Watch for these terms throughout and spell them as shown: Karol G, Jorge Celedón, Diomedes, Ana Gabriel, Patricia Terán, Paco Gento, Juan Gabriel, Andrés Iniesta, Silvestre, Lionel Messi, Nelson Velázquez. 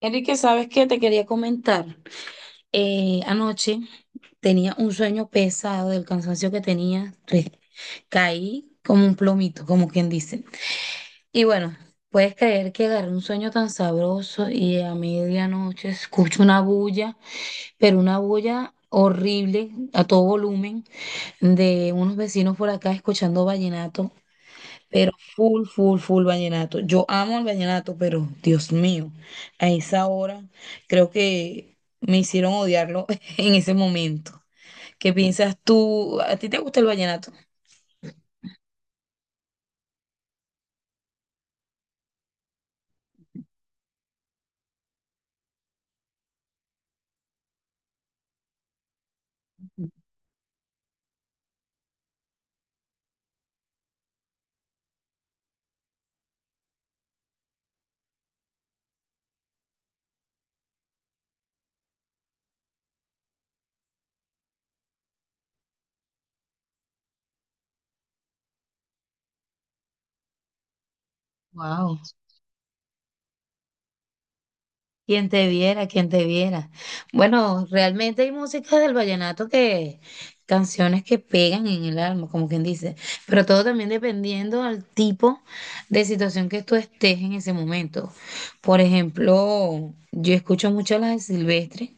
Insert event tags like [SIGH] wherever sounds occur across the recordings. Enrique, ¿sabes qué? Te quería comentar. Anoche tenía un sueño pesado del cansancio que tenía. Caí como un plomito, como quien dice. Y bueno, puedes creer que agarré un sueño tan sabroso y a medianoche escucho una bulla, pero una bulla horrible a todo volumen de unos vecinos por acá escuchando vallenato. Pero full, full, full vallenato. Yo amo el vallenato, pero Dios mío, a esa hora creo que me hicieron odiarlo [LAUGHS] en ese momento. ¿Qué piensas tú? ¿A ti te gusta el vallenato? Wow. Quien te viera, quien te viera. Bueno, realmente hay música del vallenato que, canciones que pegan en el alma, como quien dice, pero todo también dependiendo al tipo de situación que tú estés en ese momento. Por ejemplo, yo escucho mucho las de Silvestre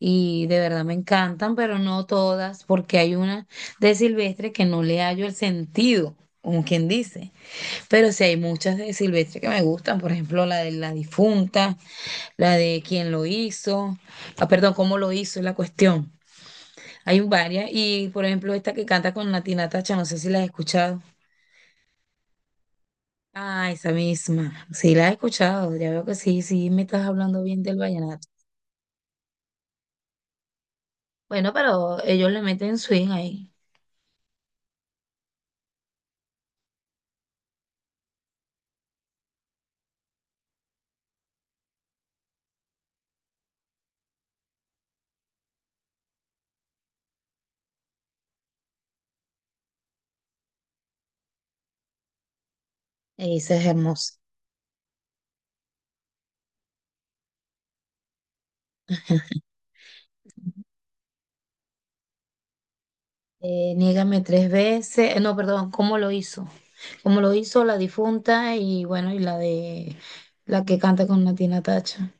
y de verdad me encantan, pero no todas, porque hay una de Silvestre que no le hallo el sentido, como quien dice, pero sí hay muchas de Silvestre que me gustan, por ejemplo, la de la difunta, la de quién lo hizo, ah, perdón, cómo lo hizo, es la cuestión. Hay varias, y por ejemplo, esta que canta con Natina Tacha, no sé si la has escuchado. Ah, esa misma, sí la he escuchado, ya veo que sí, sí me estás hablando bien del vallenato. Bueno, pero ellos le meten swing ahí, esa es hermosa. Niégame tres veces, no, perdón, cómo lo hizo la difunta y bueno, y la de la que canta con Natina Tacha.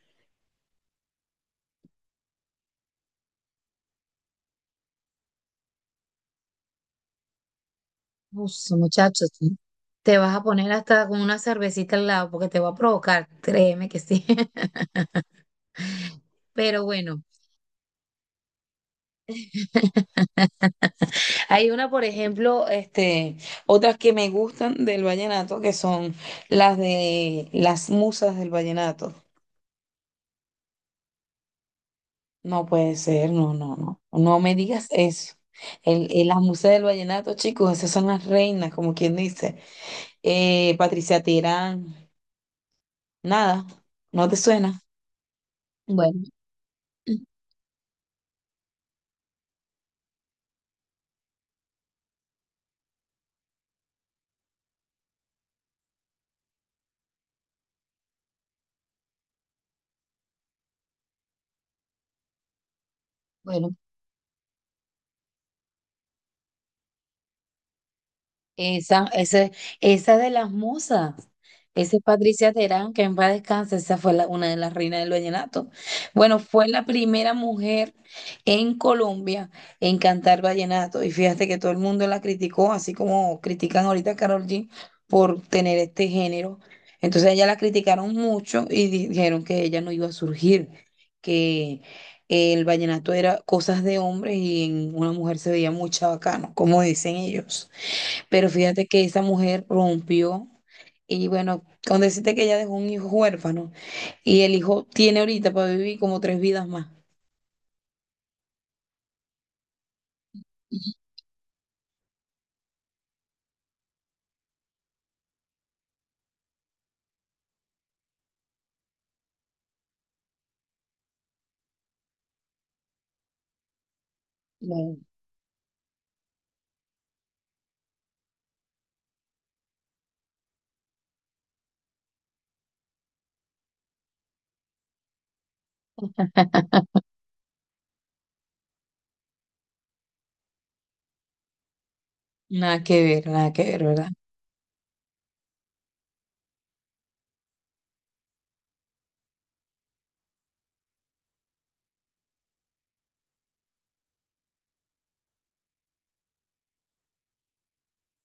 Uf, muchachos, tú te vas a poner hasta con una cervecita al lado porque te va a provocar, créeme que sí. [LAUGHS] Pero bueno, hay una, por ejemplo, otras que me gustan del vallenato, que son las de las musas del vallenato. No puede ser, no, no, no. No me digas eso. El- las musas del vallenato, chicos, esas son las reinas, como quien dice. Patricia Tirán, nada, no te suena. Bueno, [CLEARS THROAT] bueno. Esa, esa, esa de las musas. Esa es Patricia Terán, que en paz descanse, esa fue una de las reinas del vallenato. Bueno, fue la primera mujer en Colombia en cantar vallenato. Y fíjate que todo el mundo la criticó, así como critican ahorita a Karol G por tener este género. Entonces ella la criticaron mucho y dijeron que ella no iba a surgir, que el vallenato era cosas de hombres y en una mujer se veía muy chabacano, como dicen ellos. Pero fíjate que esa mujer rompió y bueno, con decirte que ella dejó un hijo huérfano y el hijo tiene ahorita para vivir como tres vidas más. No, [LAUGHS] nada que ver, nada que ver, ¿verdad?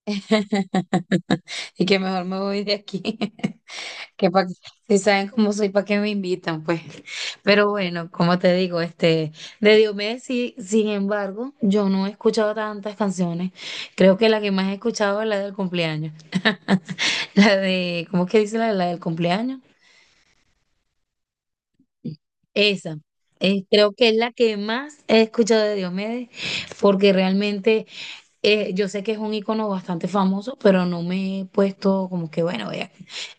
[LAUGHS] Y que mejor me voy de aquí. [LAUGHS] Que pa- si saben cómo soy, ¿para qué me invitan? Pues, pero bueno, como te digo, de Diomedes, sí, sin embargo, yo no he escuchado tantas canciones. Creo que la que más he escuchado es la del cumpleaños. [LAUGHS] La de, ¿cómo es que dice la, la del cumpleaños? Esa, creo que es la que más he escuchado de Diomedes, porque realmente yo sé que es un icono bastante famoso, pero no me he puesto como que, bueno,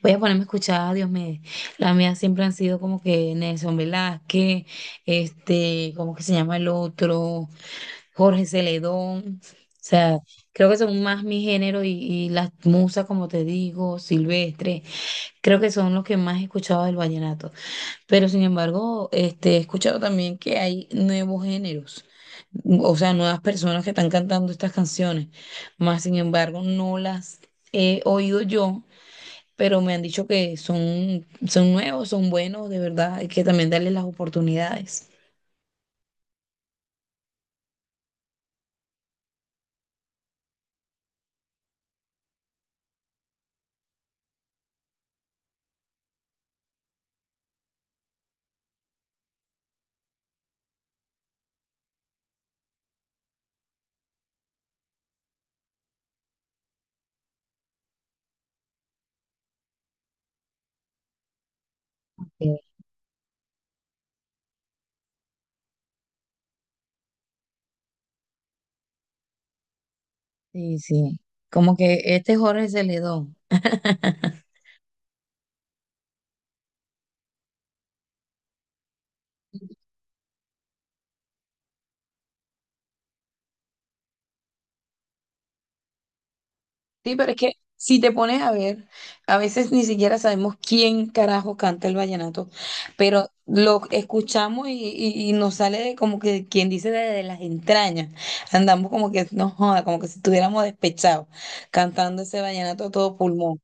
voy a ponerme a escuchar a Diomedes. Las mías siempre han sido como que Nelson Velázquez, este, ¿cómo que se llama el otro? Jorge Celedón. O sea, creo que son más mi género y las musas, como te digo, Silvestre. Creo que son los que más he escuchado del vallenato. Pero sin embargo, he escuchado también que hay nuevos géneros, o sea, nuevas personas que están cantando estas canciones. Más sin embargo, no las he oído yo, pero me han dicho que son, son nuevos, son buenos, de verdad, hay que también darles las oportunidades. Sí, sí, sí. Como que este Jorge se le dio. [LAUGHS] Sí, pero es que si te pones a ver, a veces ni siquiera sabemos quién carajo canta el vallenato, pero lo escuchamos y, y nos sale de como que quien dice de las entrañas. Andamos como que no joda, como que si estuviéramos despechados, cantando ese vallenato a todo pulmón.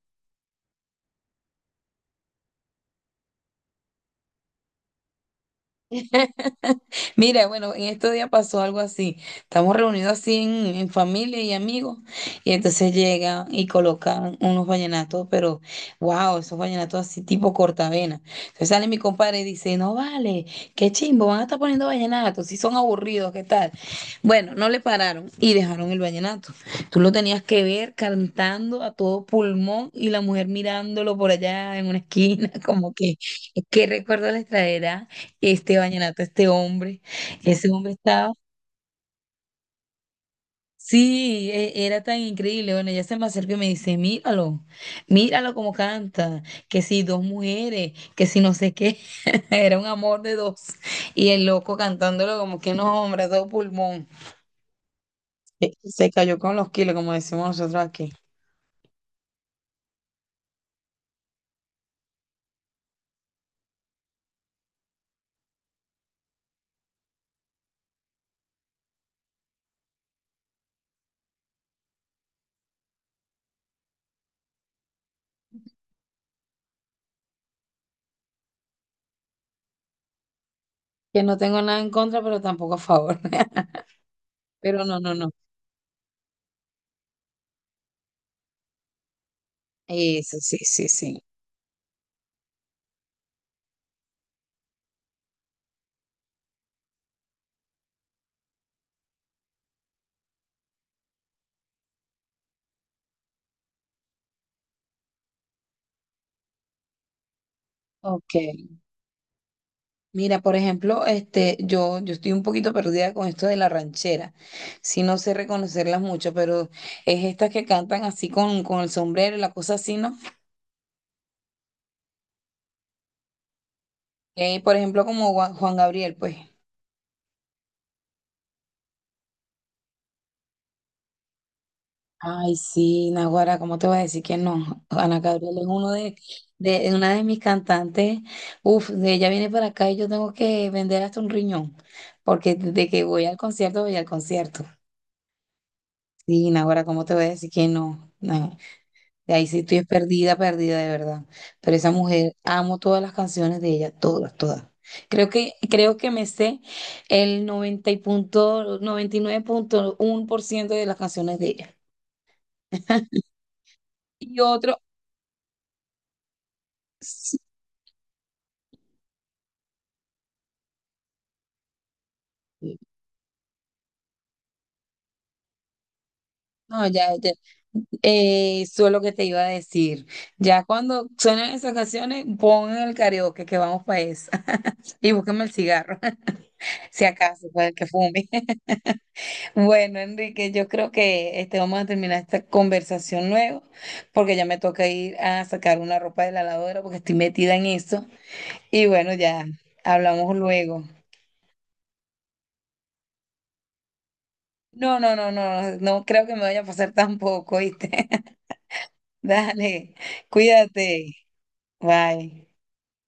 [LAUGHS] Mira, bueno, en estos días pasó algo así. Estamos reunidos así en familia y amigos, y entonces llegan y colocan unos vallenatos, pero wow, esos vallenatos así tipo cortavena. Entonces sale mi compadre y dice, no vale, qué chimbo, van a estar poniendo vallenatos, si son aburridos, ¿qué tal? Bueno, no le pararon y dejaron el vallenato. Tú lo tenías que ver cantando a todo pulmón y la mujer mirándolo por allá en una esquina, [LAUGHS] como que, ¿qué recuerdo les traerá este vallenato, este hombre? Ese hombre estaba, sí, era tan increíble. Bueno, ella se me acerca y me dice, míralo, míralo como canta, que si dos mujeres, que si no sé qué, [LAUGHS] era un amor de dos. Y el loco cantándolo como que no, hombre, a todo pulmón. Se cayó con los kilos, como decimos nosotros aquí. Que no tengo nada en contra, pero tampoco a favor. [LAUGHS] Pero no, no, no. Eso, sí, sí, sí. Ok. Mira, por ejemplo, yo estoy un poquito perdida con esto de la ranchera. Sí, no sé reconocerlas mucho, pero es estas que cantan así con el sombrero y la cosa así, ¿no? Por ejemplo, como Juan Gabriel, pues. Ay, sí, Naguara, ¿cómo te voy a decir que no? Ana Gabriel es uno de una de mis cantantes. Uf, de ella viene para acá y yo tengo que vender hasta un riñón, porque de que voy al concierto, voy al concierto. Sí, Naguara, ¿cómo te voy a decir que no? No. De ahí sí estoy perdida, perdida de verdad. Pero esa mujer, amo todas las canciones de ella, todas, todas. Creo que me sé el 90 y punto, 99.1% de las canciones de ella. Y otro, sí, no, ya, ya, eso es lo que te iba a decir. Ya cuando suenen esas canciones, pon el karaoke que vamos para esa. [LAUGHS] Y búscame el cigarro, [LAUGHS] si acaso, para el que fume. Bueno, Enrique, yo creo que vamos a terminar esta conversación luego, porque ya me toca ir a sacar una ropa de la lavadora porque estoy metida en eso. Y bueno, ya hablamos luego. No, no, no, no, no creo que me vaya a pasar tampoco, ¿viste? [LAUGHS] Dale, cuídate. Bye.